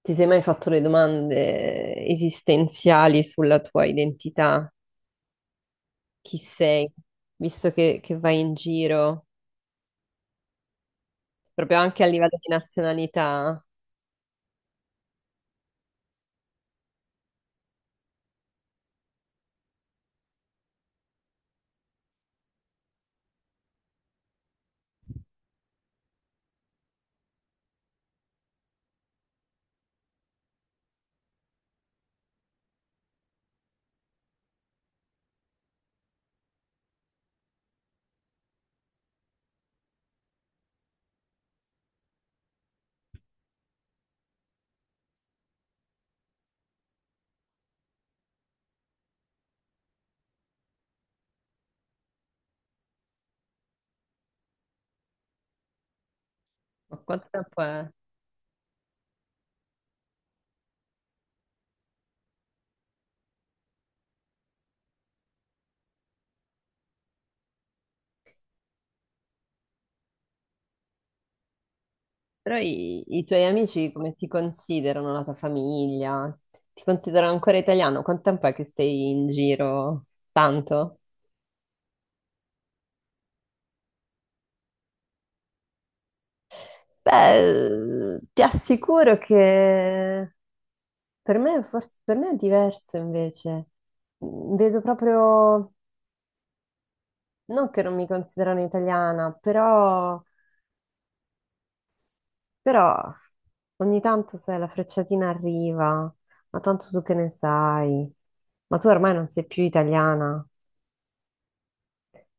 Ti sei mai fatto le domande esistenziali sulla tua identità? Chi sei? Visto che vai in giro, proprio anche a livello di nazionalità, ma quanto tempo è? Però i tuoi amici come ti considerano, la tua famiglia? Ti considerano ancora italiano? Quanto tempo è che stai in giro? Tanto? Beh, ti assicuro che per me è diverso invece. Vedo proprio. Non che non mi considerano italiana, però, però ogni tanto se la frecciatina arriva, ma tanto tu che ne sai, ma tu ormai non sei più italiana.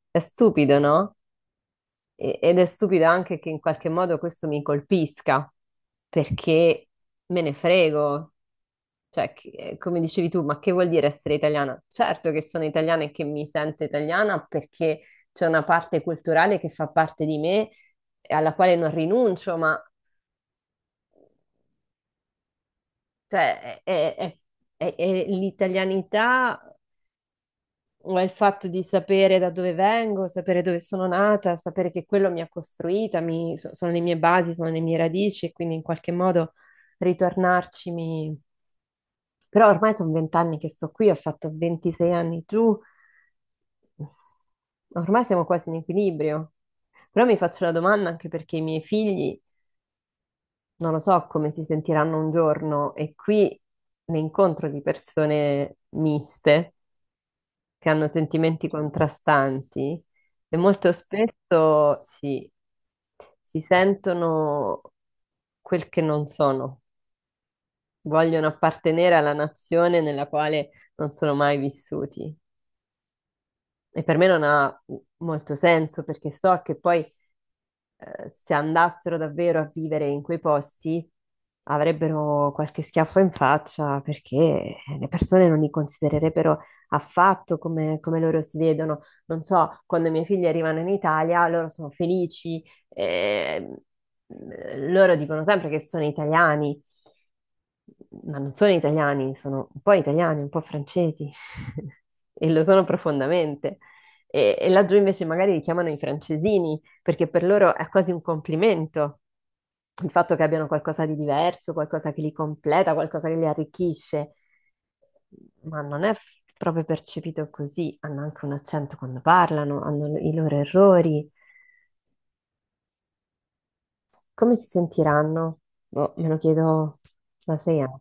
È stupido, no? Ed è stupido anche che in qualche modo questo mi colpisca, perché me ne frego. Cioè, come dicevi tu, ma che vuol dire essere italiana? Certo che sono italiana e che mi sento italiana perché c'è una parte culturale che fa parte di me e alla quale non rinuncio, ma cioè, è l'italianità o è il fatto di sapere da dove vengo, sapere dove sono nata, sapere che quello mi ha costruita, sono le mie basi, sono le mie radici e quindi in qualche modo ritornarci mi... Però ormai sono 20 anni che sto qui, ho fatto 26 anni giù, ormai siamo quasi in equilibrio. Però mi faccio la domanda anche perché i miei figli non lo so come si sentiranno un giorno e qui ne incontro di persone miste che hanno sentimenti contrastanti e molto spesso si sentono quel che non sono, vogliono appartenere alla nazione nella quale non sono mai vissuti. E per me non ha molto senso perché so che poi se andassero davvero a vivere in quei posti, avrebbero qualche schiaffo in faccia perché le persone non li considererebbero affatto come, come loro si vedono. Non so, quando i miei figli arrivano in Italia, loro sono felici, eh, loro dicono sempre che sono italiani, ma non sono italiani, sono un po' italiani, un po' francesi e lo sono profondamente. E laggiù invece magari li chiamano i francesini perché per loro è quasi un complimento il fatto che abbiano qualcosa di diverso, qualcosa che li completa, qualcosa che li arricchisce, ma non è proprio percepito così, hanno anche un accento quando parlano, hanno i loro errori. Come si sentiranno? Boh, me lo chiedo da 6 anni.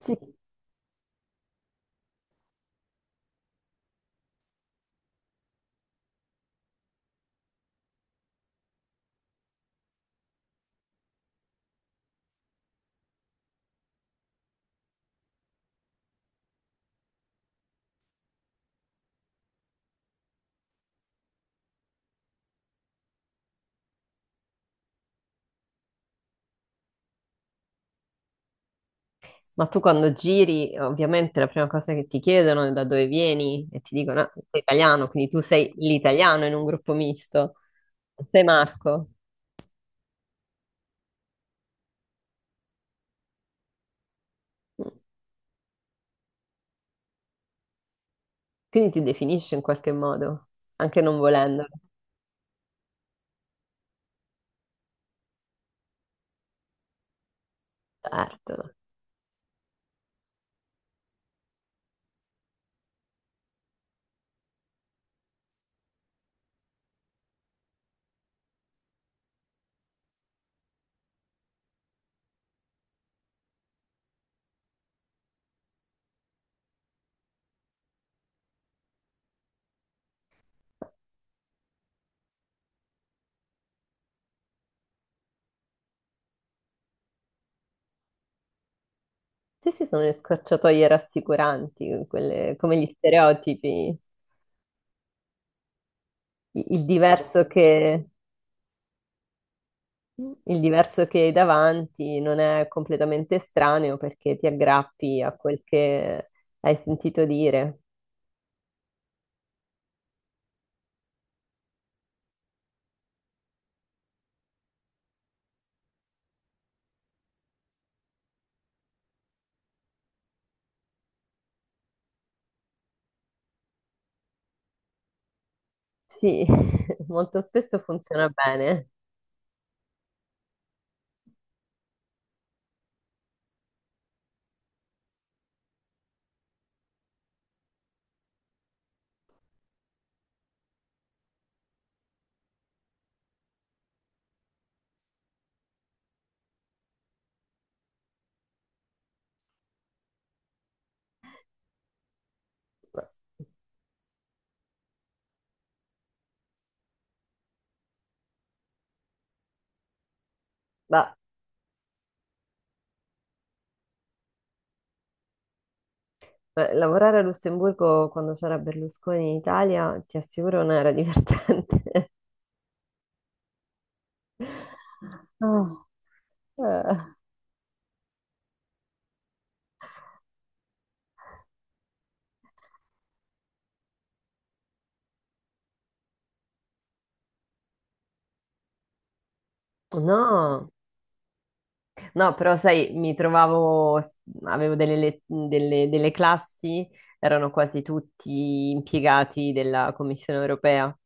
Sì, ma tu quando giri, ovviamente la prima cosa che ti chiedono è da dove vieni e ti dicono, "Ah, sei italiano, quindi tu sei l'italiano in un gruppo misto. Sei Marco." Mm. Quindi ti definisci in qualche modo, anche non volendolo. Certo. Sì, sì, sono le scorciatoie rassicuranti, quelle, come gli stereotipi. I- Il diverso che, il diverso che hai davanti non è completamente estraneo perché ti aggrappi a quel che hai sentito dire. Sì, molto spesso funziona bene. Ma lavorare a Lussemburgo quando c'era Berlusconi in Italia, ti assicuro, non era divertente. Ah, eh, no, no, però sai, mi trovavo, avevo delle classi, erano quasi tutti impiegati della Commissione europea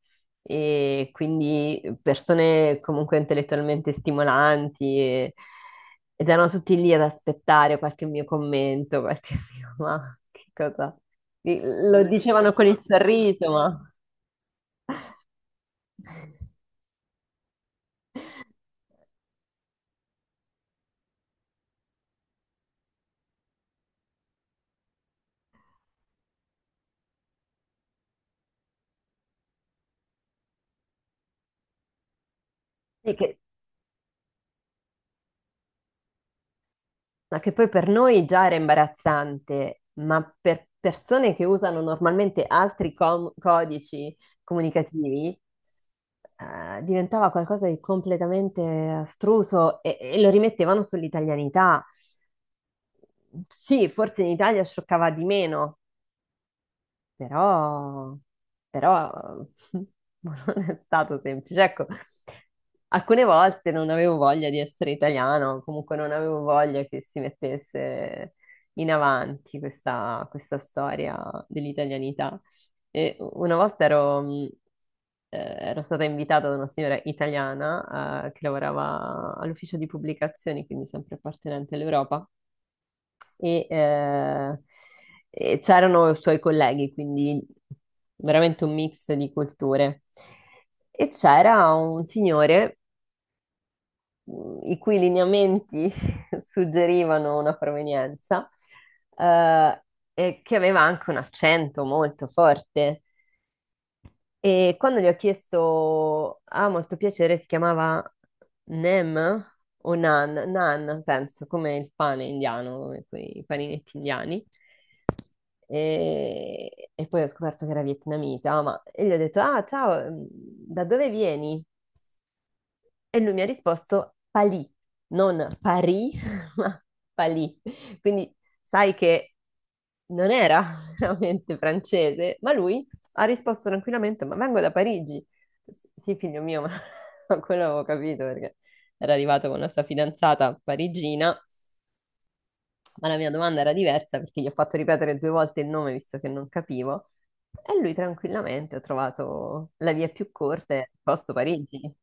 e quindi persone comunque intellettualmente stimolanti ed erano tutti lì ad aspettare qualche mio commento, qualche mio, ma che cosa? Lo come dicevano con il fanno? Sorriso, ma... Sì, che ma che poi per noi già era imbarazzante, ma per persone che usano normalmente altri codici comunicativi, diventava qualcosa di completamente astruso e lo rimettevano sull'italianità. Sì, forse in Italia scioccava di meno, però, però non è stato semplice. Ecco, alcune volte non avevo voglia di essere italiano, comunque non avevo voglia che si mettesse in avanti questa storia dell'italianità. E una volta ero, ero stata invitata da una signora italiana, che lavorava all'ufficio di pubblicazioni, quindi sempre appartenente all'Europa e, eh, e c'erano i suoi colleghi, quindi veramente un mix di culture. E c'era un signore i cui lineamenti suggerivano una provenienza eh, e che aveva anche un accento molto forte. E quando gli ho chiesto, ah, molto piacere, si chiamava Nem o Nan, penso, come il pane indiano, come quei paninetti indiani. E poi ho scoperto che era vietnamita, ma e gli ho detto, ah, ciao, da dove vieni? E lui mi ha risposto Palì, non Parì, ma Palì. Quindi sai che non era veramente francese, ma lui ha risposto tranquillamente, ma vengo da Parigi. Sì, figlio mio, ma ma quello avevo capito perché era arrivato con la sua fidanzata parigina, ma la mia domanda era diversa perché gli ho fatto ripetere 2 volte il nome visto che non capivo. E lui tranquillamente ha trovato la via più corta e ha risposto Parigi.